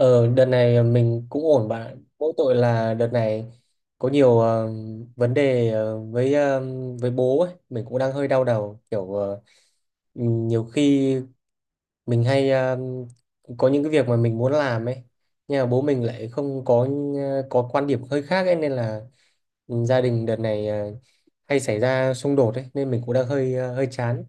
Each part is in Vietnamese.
Ờ, Đợt này mình cũng ổn bạn ạ. Mỗi tội là đợt này có nhiều vấn đề với bố ấy, mình cũng đang hơi đau đầu kiểu nhiều khi mình hay có những cái việc mà mình muốn làm ấy, nhưng mà bố mình lại không có quan điểm hơi khác ấy nên là ừ, gia đình đợt này hay xảy ra xung đột ấy, nên mình cũng đang hơi chán.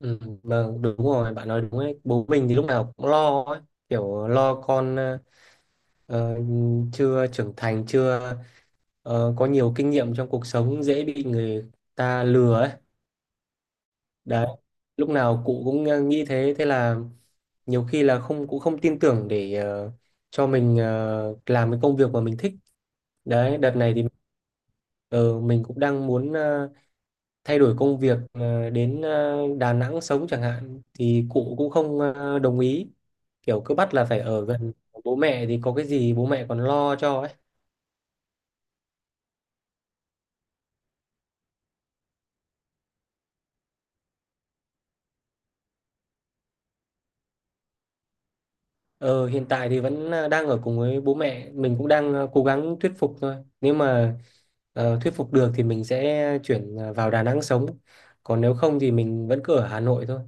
Ừ, vâng, đúng rồi, bạn nói đúng ấy. Bố mình thì lúc nào cũng lo ấy, kiểu lo con ờ, chưa trưởng thành, chưa có nhiều kinh nghiệm trong cuộc sống, dễ bị người ta lừa ấy, đấy, lúc nào cụ cũng nghĩ thế. Thế là nhiều khi là không, cũng không tin tưởng để cho mình làm cái công việc mà mình thích. Đấy, đợt này thì ờ, mình cũng đang muốn thay đổi công việc, đến Đà Nẵng sống chẳng hạn, thì cụ cũng không đồng ý, kiểu cứ bắt là phải ở gần. Bố mẹ thì có cái gì bố mẹ còn lo cho. Ờ, Hiện tại thì vẫn đang ở cùng với bố mẹ, mình cũng đang cố gắng thuyết phục thôi. Nếu mà thuyết phục được thì mình sẽ chuyển vào Đà Nẵng sống, còn nếu không thì mình vẫn cứ ở Hà Nội thôi.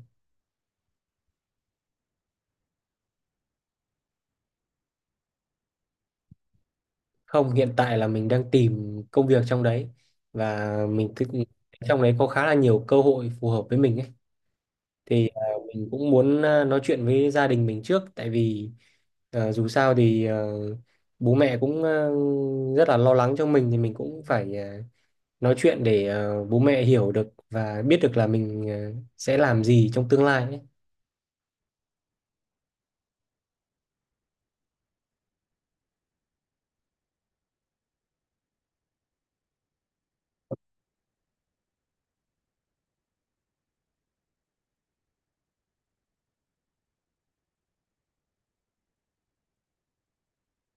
Không, hiện tại là mình đang tìm công việc trong đấy, và mình thích trong đấy có khá là nhiều cơ hội phù hợp với mình ấy. Thì mình cũng muốn nói chuyện với gia đình mình trước, tại vì dù sao thì bố mẹ cũng rất là lo lắng cho mình, thì mình cũng phải nói chuyện để bố mẹ hiểu được và biết được là mình sẽ làm gì trong tương lai ấy.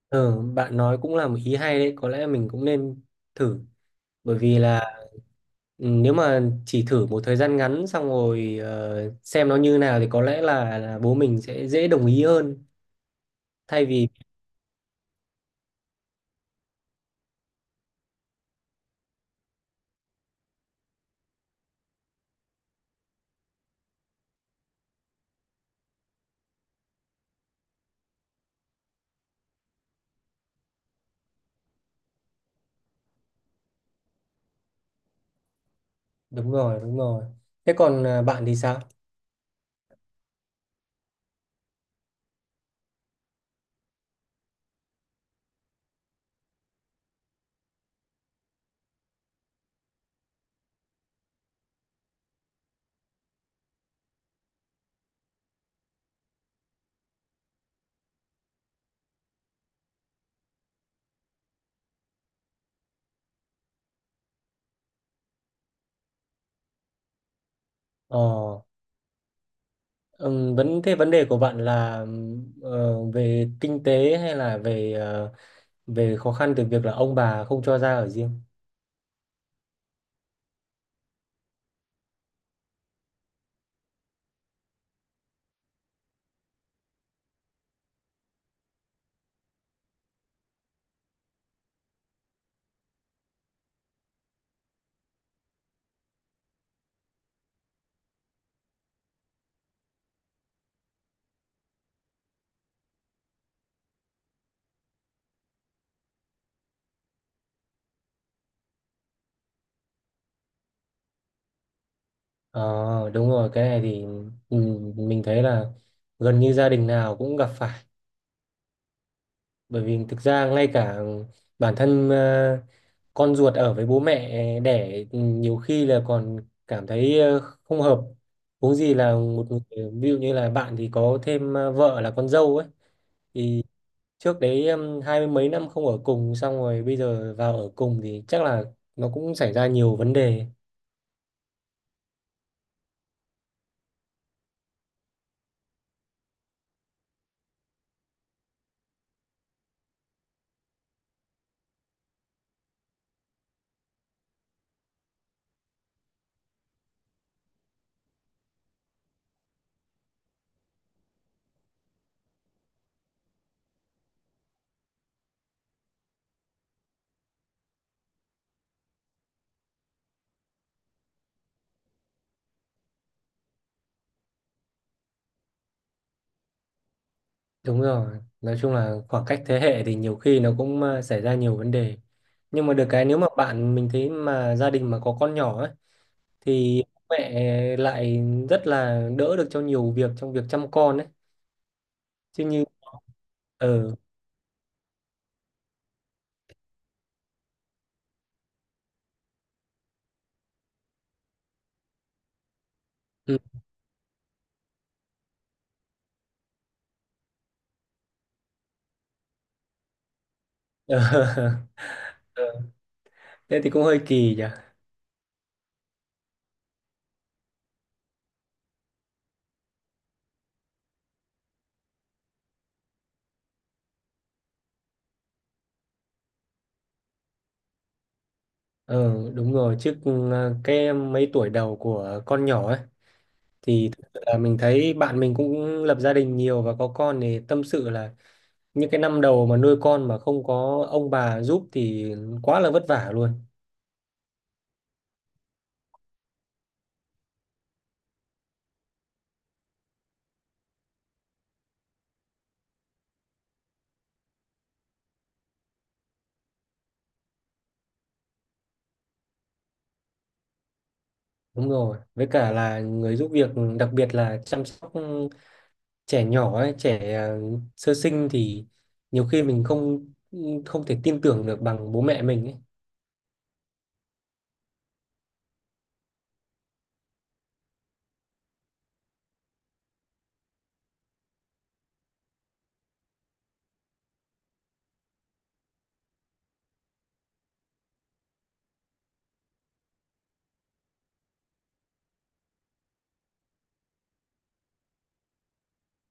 Ờ, Bạn nói cũng là một ý hay đấy, có lẽ mình cũng nên thử. Bởi vì là ừ, nếu mà chỉ thử một thời gian ngắn, xong rồi xem nó như nào, thì có lẽ là bố mình sẽ dễ đồng ý hơn thay vì đúng rồi, đúng rồi. Thế còn bạn thì sao? Ờ, vấn đề của bạn là về kinh tế hay là về khó khăn từ việc là ông bà không cho ra ở riêng? Ờ đúng rồi, cái này thì ừ, mình thấy là gần như gia đình nào cũng gặp phải, bởi vì thực ra ngay cả bản thân con ruột ở với bố mẹ đẻ, ừ, nhiều khi là còn cảm thấy không hợp, huống gì là một người ví dụ như là bạn thì có thêm vợ là con dâu ấy. Thì trước đấy hai mươi mấy năm không ở cùng, xong rồi bây giờ vào ở cùng thì chắc là nó cũng xảy ra nhiều vấn đề. Đúng rồi, nói chung là khoảng cách thế hệ thì nhiều khi nó cũng xảy ra nhiều vấn đề. Nhưng mà được cái, nếu mà bạn, mình thấy mà gia đình mà có con nhỏ ấy thì mẹ lại rất là đỡ được cho nhiều việc trong việc chăm con ấy. Chứ như ờ ừ, ờ, thế thì cũng hơi kỳ nhỉ. Ờ đúng rồi, chứ cái mấy tuổi đầu của con nhỏ ấy thì thực sự là mình thấy bạn mình cũng lập gia đình nhiều và có con thì tâm sự là những cái năm đầu mà nuôi con mà không có ông bà giúp thì quá là vất vả luôn. Đúng rồi, với cả là người giúp việc, đặc biệt là chăm sóc trẻ nhỏ ấy, trẻ sơ sinh, thì nhiều khi mình không không thể tin tưởng được bằng bố mẹ mình ấy.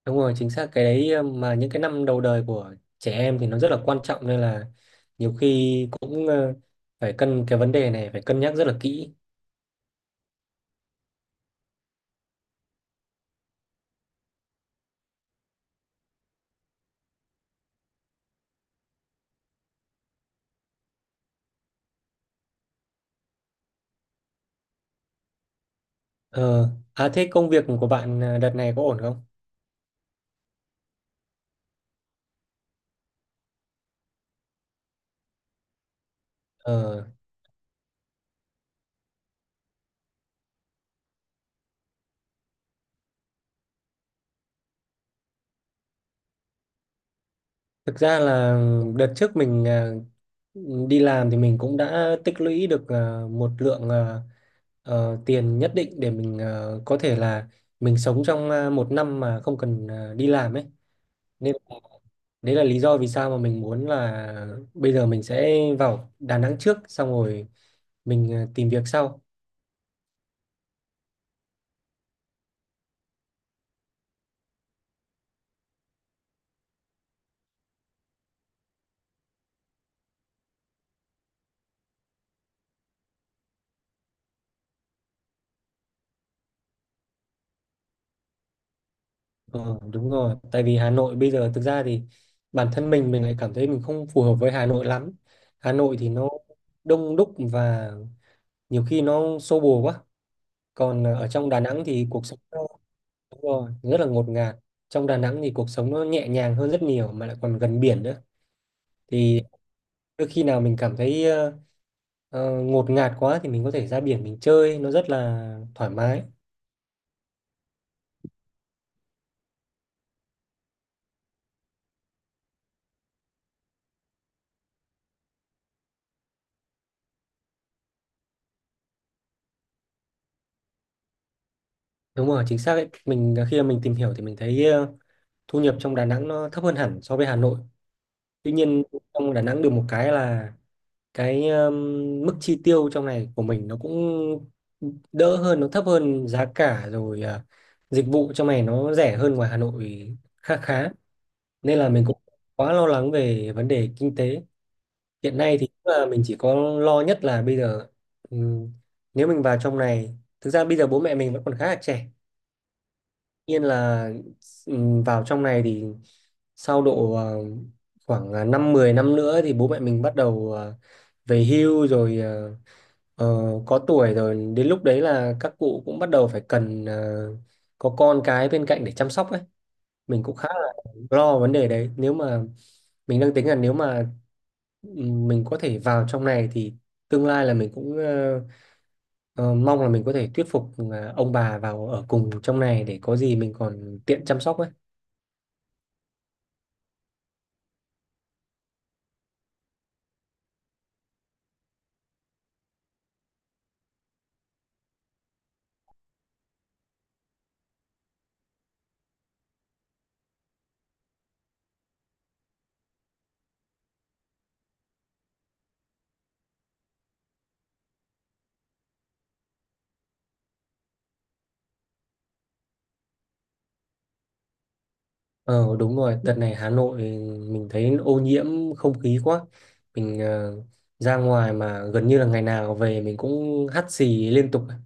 Đúng rồi, chính xác cái đấy. Ờ, mà những cái năm đầu đời của trẻ em thì nó rất là quan trọng, nên là nhiều khi cũng phải cân cái vấn đề này, phải cân nhắc rất là kỹ. Ờ à, thế công việc của bạn đợt này có ổn không? ờ Thực ra là đợt trước mình đi làm thì mình cũng đã tích lũy được một lượng tiền nhất định để mình có thể là mình sống trong một năm mà không cần đi làm ấy. Nên đấy là lý do vì sao mà mình muốn là bây giờ mình sẽ vào Đà Nẵng trước, xong rồi mình tìm việc sau. Ờ, đúng rồi, tại vì Hà Nội bây giờ thực ra thì bản thân mình lại cảm thấy mình không phù hợp với Hà Nội lắm. Hà Nội thì nó đông đúc, và nhiều khi nó xô bồ quá. Còn ở trong Đà Nẵng thì cuộc sống nó đúng rồi, rất là ngột ngạt. Trong Đà Nẵng thì cuộc sống nó nhẹ nhàng hơn rất nhiều, mà lại còn gần biển nữa, thì đôi khi nào mình cảm thấy ngột ngạt quá thì mình có thể ra biển mình chơi, nó rất là thoải mái. Đúng rồi, chính xác đấy, mình khi mà mình tìm hiểu thì mình thấy thu nhập trong Đà Nẵng nó thấp hơn hẳn so với Hà Nội. Tuy nhiên, trong Đà Nẵng được một cái là cái mức chi tiêu trong này của mình nó cũng đỡ hơn, nó thấp hơn, giá cả rồi dịch vụ trong này nó rẻ hơn ngoài Hà Nội khá khá. Nên là mình cũng quá lo lắng về vấn đề kinh tế. Hiện nay thì cũng là mình chỉ có lo nhất là bây giờ, ừm, nếu mình vào trong này, thực ra bây giờ bố mẹ mình vẫn còn khá là trẻ, nhiên là vào trong này thì sau độ khoảng năm 10 năm nữa thì bố mẹ mình bắt đầu về hưu rồi, ờ, có tuổi rồi, đến lúc đấy là các cụ cũng bắt đầu phải cần có con cái bên cạnh để chăm sóc ấy. Mình cũng khá là lo vấn đề đấy, nếu mà mình đang tính là nếu mà mình có thể vào trong này thì tương lai là mình cũng mong là mình có thể thuyết phục là ông bà vào ở cùng trong này để có gì mình còn tiện chăm sóc ấy. Ờ Đúng rồi, đợt này Hà Nội mình thấy ô nhiễm không khí quá. Mình ra ngoài mà gần như là ngày nào về mình cũng hắt xì liên tục ấy.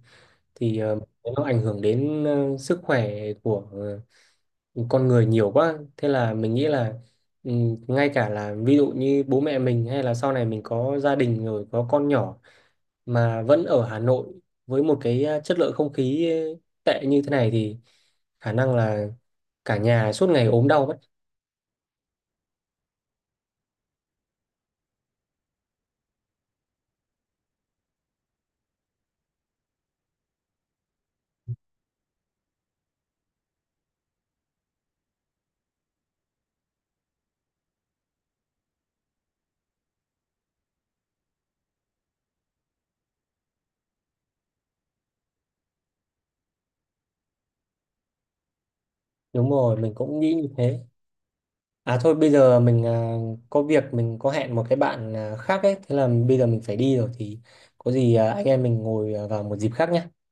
Thì nó ảnh hưởng đến sức khỏe của con người nhiều quá, thế là mình nghĩ là ừ, ngay cả là ví dụ như bố mẹ mình hay là sau này mình có gia đình rồi có con nhỏ mà vẫn ở Hà Nội, với một cái chất lượng không khí tệ như thế này, thì khả năng là cả nhà suốt ngày ốm đau mất. Đúng rồi, mình cũng nghĩ như thế. À thôi, bây giờ mình có việc, mình có hẹn một cái bạn khác ấy, thế là bây giờ mình phải đi rồi, thì có gì anh em mình ngồi vào một dịp khác nhé.